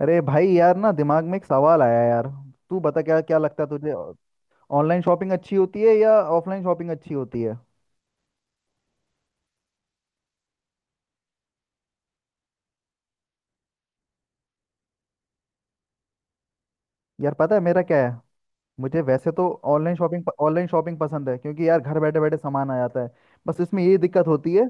अरे भाई यार ना दिमाग में एक सवाल आया यार। तू बता, क्या क्या लगता है तुझे? ऑनलाइन शॉपिंग अच्छी होती है या ऑफलाइन शॉपिंग अच्छी होती है? यार, पता है मेरा क्या है। मुझे वैसे तो ऑनलाइन शॉपिंग पसंद है, क्योंकि यार घर बैठे बैठे सामान आ जाता है। बस इसमें ये दिक्कत होती है।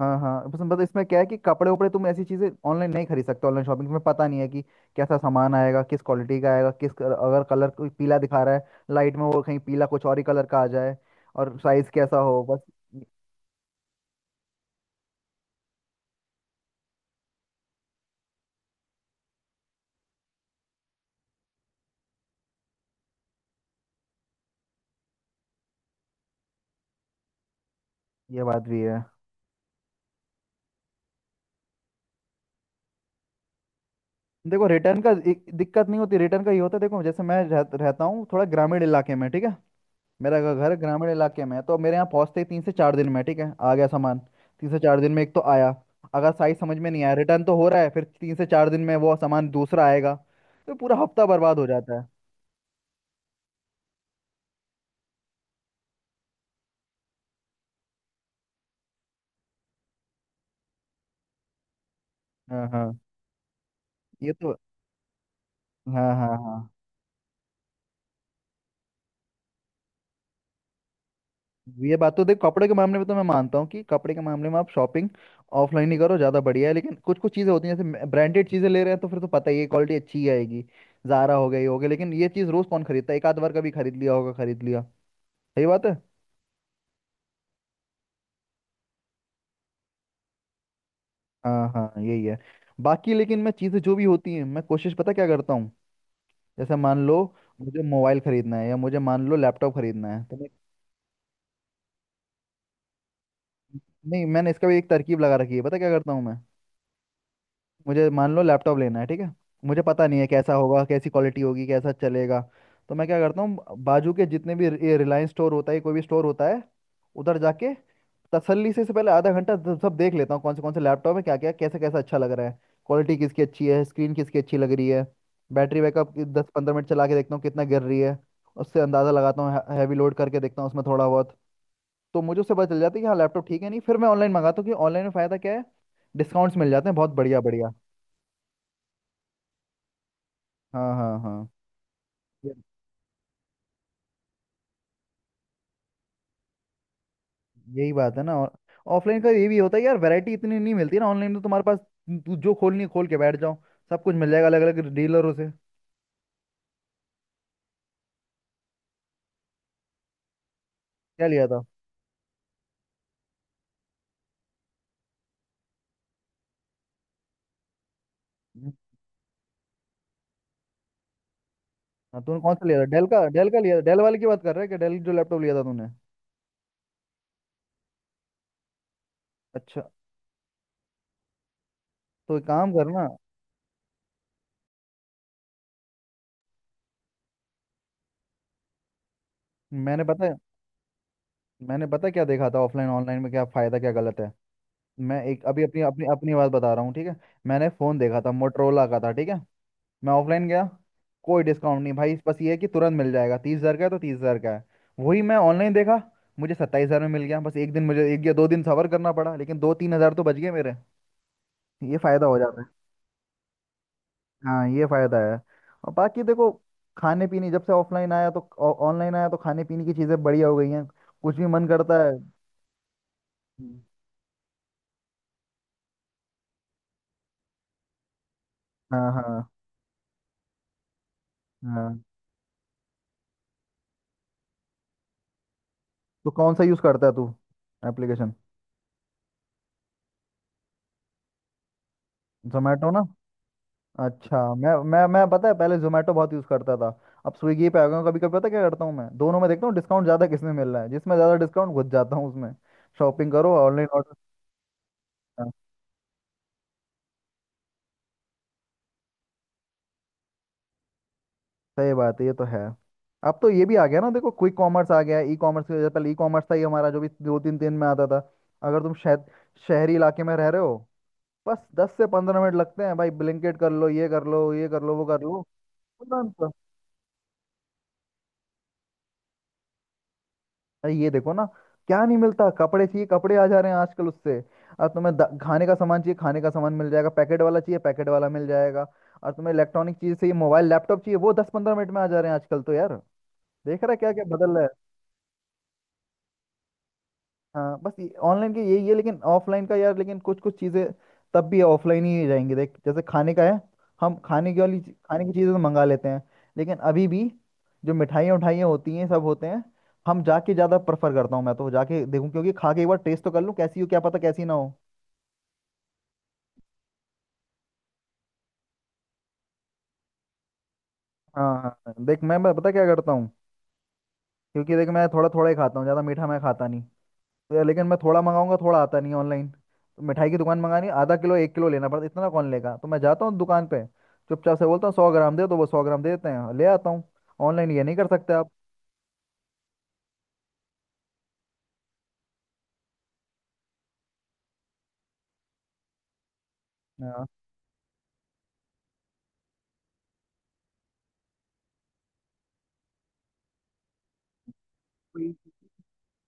हाँ हाँ, बस बस इसमें क्या है कि कपड़े उपड़े तुम ऐसी चीज़ें ऑनलाइन नहीं खरीद सकते। ऑनलाइन शॉपिंग में पता नहीं है कि कैसा सामान आएगा, किस क्वालिटी का आएगा, किस अगर कलर कोई पीला दिखा रहा है लाइट में, वो कहीं पीला कुछ और ही कलर का आ जाए, और साइज कैसा हो बस। ये बात भी है। देखो, रिटर्न का दिक्कत नहीं होती, रिटर्न का ये होता है देखो, जैसे मैं रहता हूँ थोड़ा ग्रामीण इलाके में, ठीक है। मेरा घर ग्रामीण इलाके में है, तो मेरे यहाँ पहुँचते ही 3 से 4 दिन में, ठीक है, आ गया सामान 3 से 4 दिन में एक तो आया। अगर साइज समझ में नहीं आया रिटर्न तो हो रहा है, फिर 3 से 4 दिन में वो सामान दूसरा आएगा। तो पूरा हफ्ता बर्बाद हो जाता है। हाँ हाँ, ये तो। हाँ हाँ हाँ। ये बात तो देख, कपड़े के मामले में तो मैं मानता हूँ कि कपड़े के मामले में आप शॉपिंग ऑफलाइन ही करो, ज़्यादा बढ़िया है। लेकिन कुछ कुछ चीज़ें होती हैं, जैसे ब्रांडेड चीज़ें ले रहे हैं तो फिर तो पता ही है क्वालिटी अच्छी ही आएगी। ज़ारा हो गई हो गई। लेकिन ये चीज़ रोज़ कौन खरीदता है? एक आध बार कभी खरीद लिया होगा, खरीद लिया। सही बात है। हाँ हाँ, यही है। बाकी लेकिन मैं चीज़ें जो भी होती हैं, मैं कोशिश पता क्या करता हूँ, जैसे मान लो मुझे मोबाइल खरीदना है, या मुझे मान लो लैपटॉप खरीदना है तो मैं, नहीं मैंने इसका भी एक तरकीब लगा रखी है, पता क्या करता हूँ मैं। मुझे मान लो लैपटॉप लेना है, ठीक है। मुझे पता नहीं है कैसा होगा, कैसी क्वालिटी होगी, कैसा चलेगा। तो मैं क्या करता हूँ, बाजू के जितने भी ये रिलायंस स्टोर होता है, कोई भी स्टोर होता है, उधर जाके तसल्ली से इससे पहले आधा घंटा सब सब देख लेता हूँ, कौन से लैपटॉप है, क्या क्या कैसा कैसा अच्छा लग रहा है, क्वालिटी किसकी अच्छी है, स्क्रीन किसकी अच्छी लग रही है, बैटरी बैकअप 10 15 मिनट चला के देखता हूँ कितना गिर रही है। उससे अंदाज़ा लगाता हूँ, हैवी लोड करके देखता हूँ उसमें थोड़ा बहुत। तो मुझे उससे पता चल जाता है कि हाँ लैपटॉप ठीक है, नहीं। फिर मैं ऑनलाइन मंगाता हूँ कि ऑनलाइन में फ़ायदा क्या है, डिस्काउंट्स मिल जाते हैं बहुत बढ़िया बढ़िया। हाँ हाँ हाँ। ये- यही बात है ना, और ऑफलाइन का ये भी होता है यार, वैरायटी इतनी नहीं मिलती ना। ऑनलाइन तो तुम्हारे पास तू जो खोलनी है, खोल के बैठ जाओ, सब कुछ मिल जाएगा अलग अलग डीलरों से। क्या लिया था? हम्म। हाँ, तूने कौन सा लिया था? डेल का, डेल का लिया था, डेल वाले की बात कर रहा है कि डेल जो लैपटॉप लिया था तूने? अच्छा। तो एक काम करना। मैंने पता है मैंने पता है क्या देखा था ऑफलाइन ऑनलाइन में क्या फायदा क्या गलत है। मैं एक अभी अपनी अपनी अपनी बात बता रहा हूँ ठीक है। मैंने फोन देखा था, मोटरोला का था, ठीक है। मैं ऑफलाइन गया, कोई डिस्काउंट नहीं भाई, बस ये है कि तुरंत मिल जाएगा। 30 हज़ार का है तो 30 हज़ार का है। वही मैं ऑनलाइन देखा, मुझे 27 हज़ार में मिल गया। बस एक दिन मुझे, एक या दो दिन सबर करना पड़ा, लेकिन 2 3 हज़ार तो बच गए मेरे। ये फ़ायदा हो जाता है। हाँ, ये फ़ायदा है। और बाकी देखो, खाने पीने जब से ऑफलाइन आया तो, ऑनलाइन आया तो खाने पीने की चीज़ें बढ़िया हो गई हैं। कुछ भी मन करता है। हम्म। हाँ हाँ हाँ। तो कौन सा यूज़ करता है तू एप्लीकेशन? जोमेटो ना? अच्छा, मैं पता है पहले जोमेटो बहुत यूज़ करता था, अब स्विगी पे आ गया हूँ। कभी कभी पता क्या करता हूँ मैं, दोनों में देखता हूँ डिस्काउंट ज़्यादा किसमें मिल रहा है, जिसमें ज़्यादा डिस्काउंट घुस जाता हूँ उसमें। शॉपिंग करो, ऑनलाइन ऑर्डर। सही बात है, ये तो है। अब तो ये भी आ गया ना देखो, क्विक कॉमर्स आ गया है। ई कॉमर्स की वजह, पहले ई कॉमर्स था ही हमारा, जो भी 2 3 दिन में आता था। अगर तुम शहरी इलाके में रह रहे हो, बस 10 से 15 मिनट लगते हैं भाई, ब्लिंकिट कर लो, ये कर लो, ये कर लो, वो कर लो। तुरंत। अरे ये देखो ना, क्या नहीं मिलता। कपड़े चाहिए कपड़े आ जा रहे हैं आजकल उससे। और तुम्हें खाने का सामान चाहिए खाने का सामान मिल जाएगा, पैकेट वाला चाहिए पैकेट वाला मिल जाएगा। और तुम्हें इलेक्ट्रॉनिक चीज चाहिए, मोबाइल लैपटॉप चाहिए, वो 10 15 मिनट में आ जा रहे हैं आजकल तो यार। देख रहा है क्या क्या बदल रहा है। हाँ बस, ऑनलाइन के यही है, लेकिन ऑफलाइन का यार, लेकिन कुछ कुछ चीज़ें तब भी ऑफलाइन ही रहेंगी। देख जैसे खाने का है, हम खाने की वाली खाने की चीज़ें तो मंगा लेते हैं, लेकिन अभी भी जो मिठाइयाँ उठाइयाँ होती हैं सब होते हैं, हम जाके ज़्यादा प्रेफर करता हूँ मैं, तो जाके देखूँ क्योंकि खा के एक बार टेस्ट तो कर लूँ कैसी हो, क्या पता कैसी ना हो। हाँ हाँ, देख मैं पता क्या करता हूँ, क्योंकि देख मैं थोड़ा थोड़ा ही खाता हूँ, ज़्यादा मीठा मैं खाता नहीं, तो लेकिन मैं थोड़ा मंगाऊंगा थोड़ा आता नहीं ऑनलाइन तो मिठाई की दुकान मंगानी आधा किलो एक किलो लेना पड़ता, इतना कौन लेगा। तो मैं जाता हूँ दुकान पे, चुपचाप से बोलता हूँ 100 ग्राम दे, तो वो 100 ग्राम दे देते हैं, ले आता हूँ। ऑनलाइन ये नहीं कर सकते आप। हाँ, कोई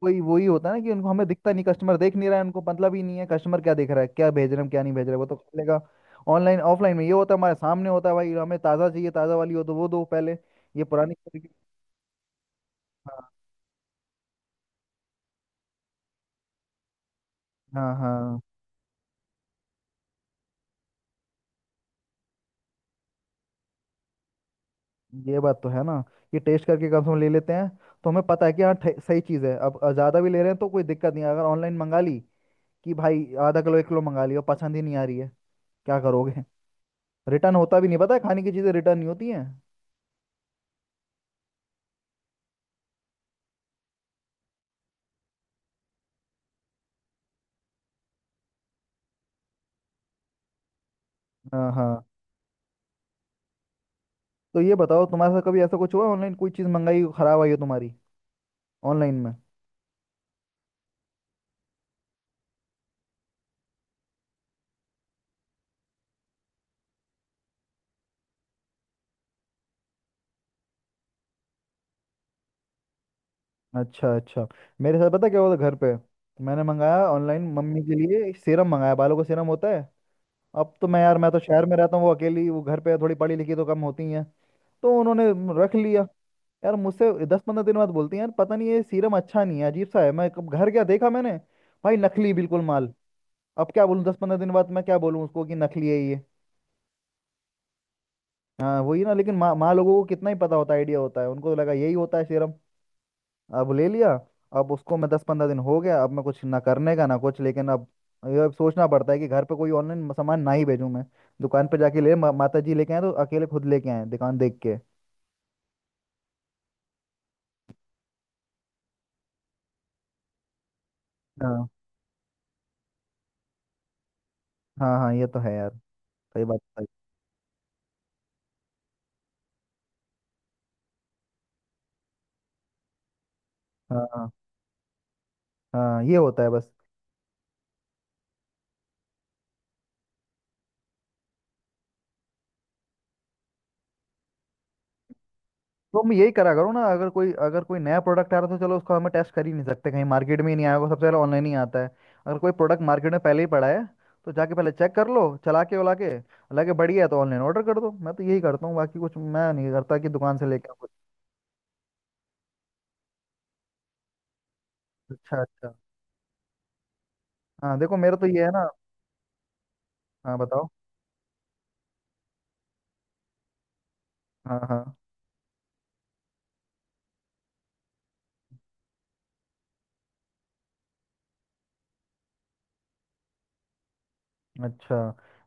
कोई वही होता है ना कि उनको हमें दिखता नहीं, कस्टमर देख नहीं रहा है, उनको मतलब ही नहीं है कस्टमर क्या देख रहा है, क्या भेज रहे हैं क्या नहीं भेज रहे हैं, वो तो कर लेगा। ऑनलाइन ऑफलाइन में ये होता है हमारे सामने होता है, भाई हमें ताज़ा चाहिए, ताज़ा वाली हो तो वो दो पहले, ये पुरानी। हाँ हाँ हाँ, ये बात तो है ना। ये टेस्ट करके कम से कम ले लेते हैं, तो हमें पता है कि हाँ सही चीज़ है। अब ज़्यादा भी ले रहे हैं तो कोई दिक्कत नहीं है। अगर ऑनलाइन मंगा ली कि भाई आधा किलो एक किलो मंगा लिया, पसंद ही नहीं आ रही है, क्या करोगे। रिटर्न होता भी नहीं, पता है, खाने की चीज़ें रिटर्न नहीं होती हैं। हाँ हाँ। तो ये बताओ तुम्हारे साथ कभी ऐसा कुछ हुआ ऑनलाइन, कोई चीज़ मंगाई ख़राब आई हो तुम्हारी ऑनलाइन में? अच्छा अच्छा। मेरे साथ पता क्या हुआ था घर पे, मैंने मंगाया ऑनलाइन, मम्मी के लिए सीरम मंगाया, बालों का सीरम होता है। अब तो मैं यार, मैं तो शहर में रहता हूँ, वो अकेली वो घर पे है, थोड़ी पढ़ी लिखी तो कम होती है। तो उन्होंने रख लिया। यार मुझसे 10 15 दिन बाद बोलती हैं यार पता नहीं ये सीरम अच्छा नहीं है, अजीब सा है। मैं कब घर गया देखा मैंने, भाई नकली बिल्कुल माल। अब क्या बोलूँ, 10 15 दिन बाद मैं क्या बोलूँ उसको कि नकली है ये। हाँ वही ना, लेकिन माँ माँ लोगों को कितना ही पता होता है, आइडिया होता है, उनको तो लगा यही होता है सीरम, अब ले लिया। अब उसको मैं 10 15 दिन हो गया, अब मैं कुछ ना करने का ना कुछ, लेकिन अब ये अब सोचना पड़ता है कि घर पे कोई ऑनलाइन सामान ना ही भेजूं मैं, दुकान पे जाके ले, माता जी लेके आए तो अकेले खुद लेके आए, दुकान देख के। हाँ हाँ हाँ, ये तो है यार, सही बात है। हाँ हाँ। हाँ ये होता है बस। तो हम यही करा करो ना, अगर कोई, अगर कोई नया प्रोडक्ट आ रहा है तो चलो उसको हमें टेस्ट कर ही नहीं सकते, कहीं मार्केट में ही नहीं आया होगा, सबसे पहले ऑनलाइन ही आता है। अगर कोई प्रोडक्ट मार्केट में पहले ही पड़ा है, तो जाके पहले चेक कर लो चला के उला के, लगे बढ़िया है तो ऑनलाइन ऑर्डर कर दो। मैं तो यही करता हूँ, बाकी कुछ मैं नहीं करता कि दुकान से लेके आऊं कुछ। अच्छा अच्छा। हाँ देखो, मेरा तो ये है ना। हाँ बताओ। हाँ हाँ। अच्छा,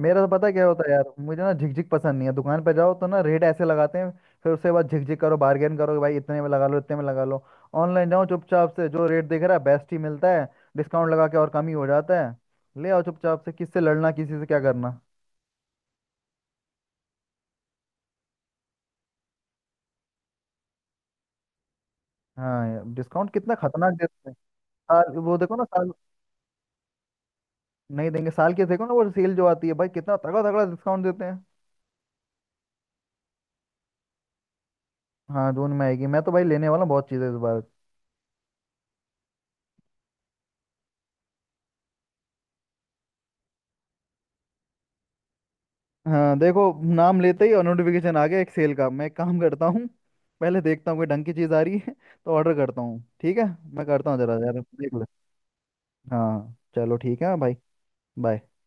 मेरा तो पता है क्या होता है यार, मुझे ना झिकझिक पसंद नहीं है। दुकान पे जाओ तो ना रेट ऐसे लगाते हैं, फिर उसके बाद झिकझिक करो, बार्गेन करो कि भाई इतने में लगा लो इतने में लगा लो। ऑनलाइन जाओ चुपचाप से, जो रेट दिख रहा है बेस्ट ही मिलता है, डिस्काउंट लगा के और कम ही हो जाता है। ले आओ चुपचाप से, किससे लड़ना, किसी से क्या करना। हाँ यार, डिस्काउंट कितना खतरनाक देते हैं। साल वो देखो ना साल नहीं देंगे। साल के देखो ना वो सेल जो आती है भाई, कितना तगड़ा तगड़ा डिस्काउंट देते हैं। हाँ जून में आएगी, मैं तो भाई लेने वाला हूँ बहुत चीज़ें इस बार। हाँ देखो, नाम लेते ही और नोटिफिकेशन आ गया एक सेल का। मैं एक काम करता हूँ, पहले देखता हूँ कोई ढंग की चीज़ आ रही है तो ऑर्डर करता हूँ, ठीक है। मैं करता हूँ जरा जरा देख ले। हाँ चलो ठीक है, हाँ भाई, बाय।